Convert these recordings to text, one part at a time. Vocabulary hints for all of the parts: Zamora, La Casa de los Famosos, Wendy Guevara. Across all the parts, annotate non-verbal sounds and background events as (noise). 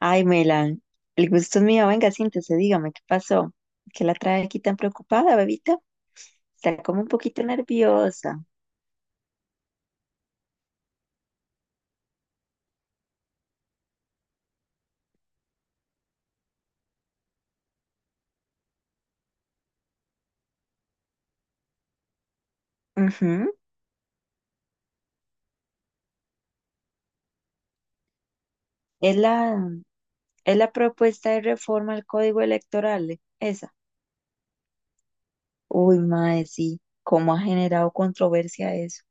Ay, Melan, el gusto es mío. Venga, siéntese, dígame, ¿qué pasó? ¿Qué la trae aquí tan preocupada, bebita? Está como un poquito nerviosa. Ujú. Es la, es la propuesta de reforma al código electoral, esa. Uy, mae, sí, cómo ha generado controversia eso.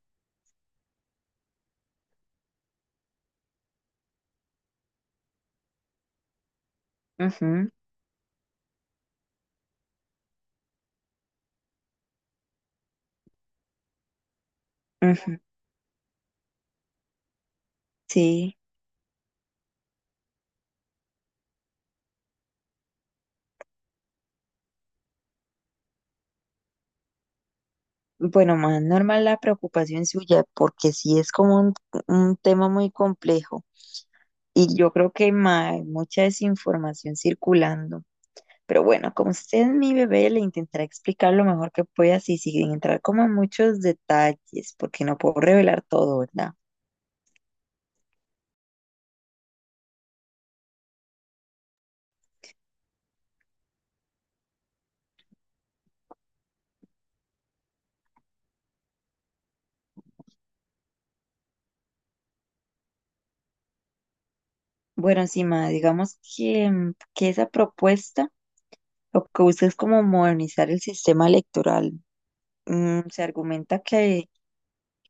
Ujú, ujú. Sí. Bueno, más normal la preocupación suya, porque sí es como un tema muy complejo. Y yo creo que mae, hay mucha desinformación circulando. Pero bueno, como usted es mi bebé, le intentaré explicar lo mejor que pueda, así sin entrar como en muchos detalles, porque no puedo revelar todo, ¿verdad? Bueno, encima, digamos que, que esa propuesta lo que busca es como modernizar el sistema electoral. Mm, se argumenta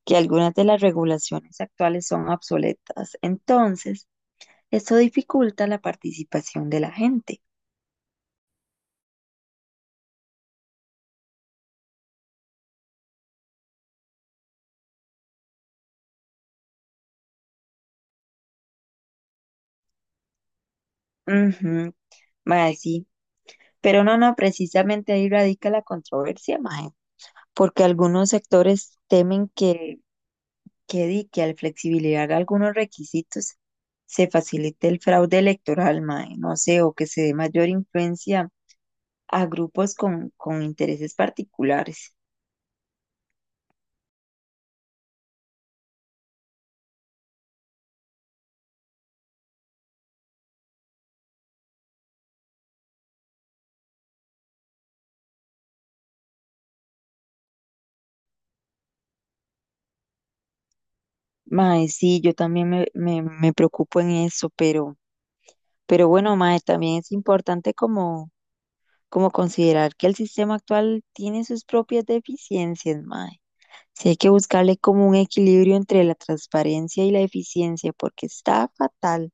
que algunas de las regulaciones actuales son obsoletas, entonces esto dificulta la participación de la gente. Ujú, mae, sí, pero no, no, precisamente ahí radica la controversia, mae. Porque algunos sectores temen que al flexibilizar algunos requisitos se facilite el fraude electoral, mae, no sé, o que se dé mayor influencia a grupos con intereses particulares. Mae, sí, yo también me preocupo en eso, pero bueno, mae, también es importante como considerar que el sistema actual tiene sus propias deficiencias, mae. Sí hay que buscarle como un equilibrio entre la transparencia y la eficiencia, porque está fatal.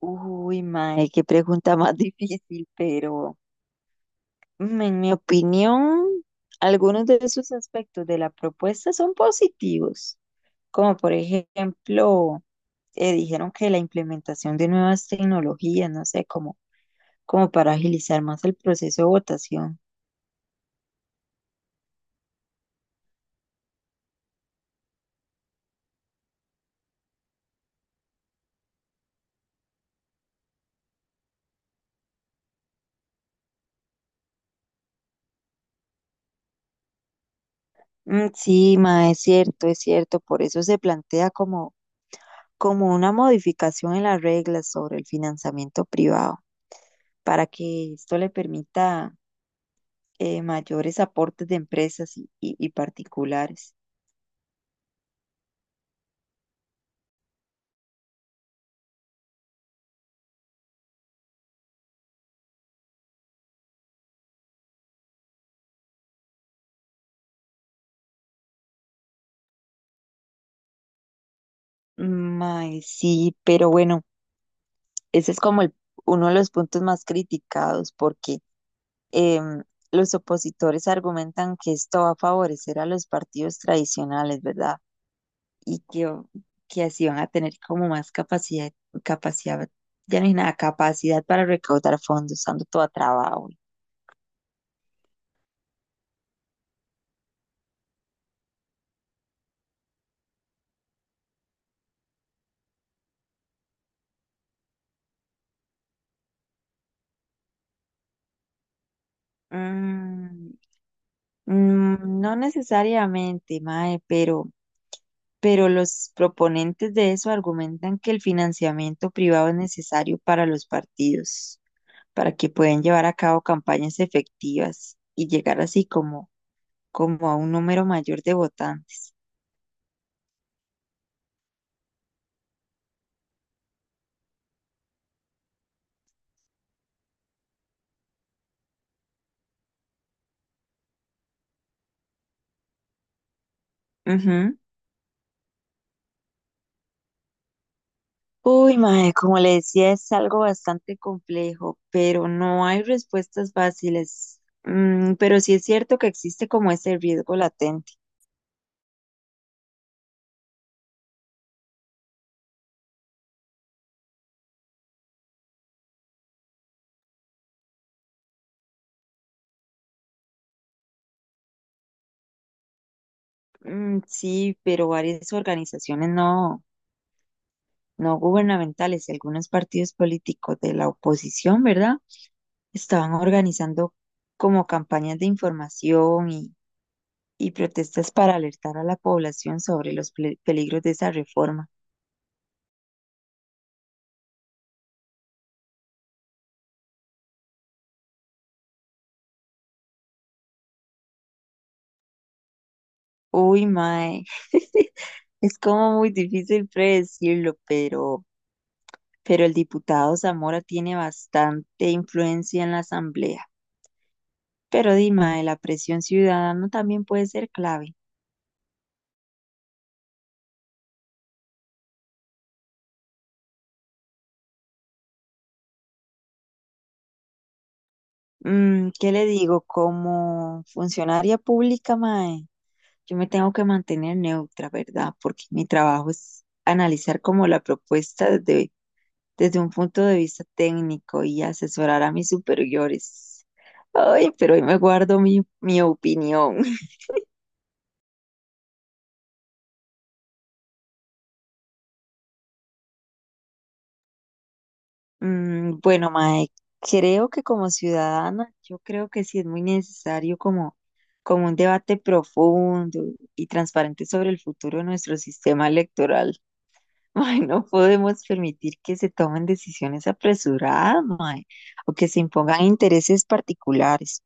Uy, mae, qué pregunta más (laughs) difícil, pero mm, en mi opinión, algunos de esos aspectos de la propuesta son positivos, como por ejemplo, dijeron que la implementación de nuevas tecnologías, no sé, como para agilizar más el proceso de votación. Mm, sí, mae, es cierto, por eso se plantea como una modificación en las reglas sobre el financiamiento privado para que esto le permita mayores aportes de empresas y particulares. Mae, sí, pero bueno, ese es como el- uno de los puntos más criticados porque em, los opositores argumentan que esto va a favorecer a los partidos tradicionales, ¿verdad? Y que, o- que así van a tener como más capacidad, ya no hay nada, capacidad para recaudar fondos, ando toda trabajo. Mm, no necesariamente, Mae, pero los proponentes de eso argumentan que el financiamiento privado es necesario para los partidos, para que puedan llevar a cabo campañas efectivas y llegar así como a un número mayor de votantes. Ujú. Uy, mae, como le decía, es algo bastante complejo, pero no hay respuestas fáciles. Mm, pero sí es cierto que existe como ese riesgo latente. Mm, sí, pero varias organizaciones no gubernamentales y algunos partidos políticos de la oposición, ¿verdad? Estaban organizando como campañas de información y protestas para alertar a la población sobre los ple- peligros de esa reforma. Uy, mae, (laughs) es como muy difícil predecirlo, pero el diputado Zamora tiene bastante influencia en la asamblea. Pero dime, la presión ciudadana también puede ser clave. Mm, ¿qué le digo? Como funcionaria pública, mae, yo me tengo que mantener neutra, ¿verdad? Porque mi trabajo es analizar como la propuesta desde un punto de vista técnico y asesorar a mis superiores. Ay, pero hoy me guardo mi opinión. (laughs) Mm, bueno, mae, creo que como ciudadana, yo creo que sí es muy necesario como un debate profundo y transparente sobre el futuro de nuestro sistema electoral. (laughs) Ay, no podemos permitir que se tomen decisiones apresuradas, mae, o que se impongan intereses particulares.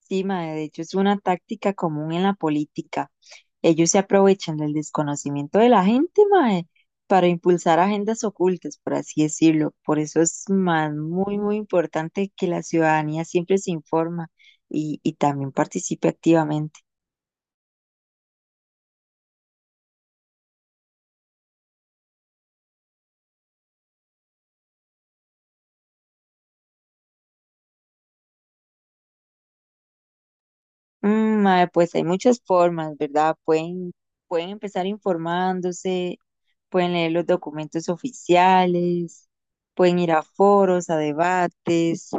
Sí, mae, de hecho es una táctica común en la política. Ellos se aprovechan del desconocimiento de la gente, mae, para impulsar agendas ocultas, por así decirlo. Por eso es más muy, muy importante que la ciudadanía siempre se informa y también participe activamente. Mm, mae, pues hay muchas formas, ¿verdad? Pueden empezar informándose, pueden leer los documentos oficiales, pueden ir a foros, a debates,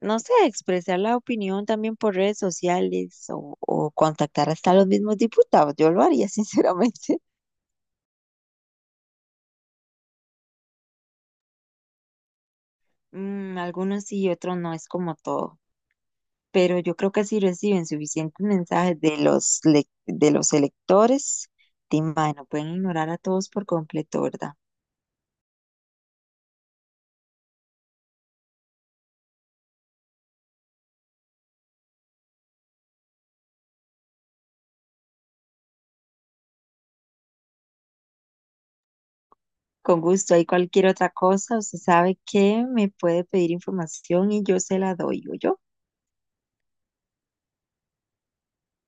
no sé, expresar la opinión también por redes sociales o contactar hasta a los mismos diputados. Yo lo haría, (laughs) sinceramente. Mm, algunos sí y otros no, es como todo. Pero yo creo que si reciben suficientes mensajes de los, lec- de los electores, di, mae, no pueden ignorar a todos por completo, ¿verdad? Con gusto, hay cualquier otra cosa, usted sabe que me puede pedir información y yo se la doy, ¿oyó?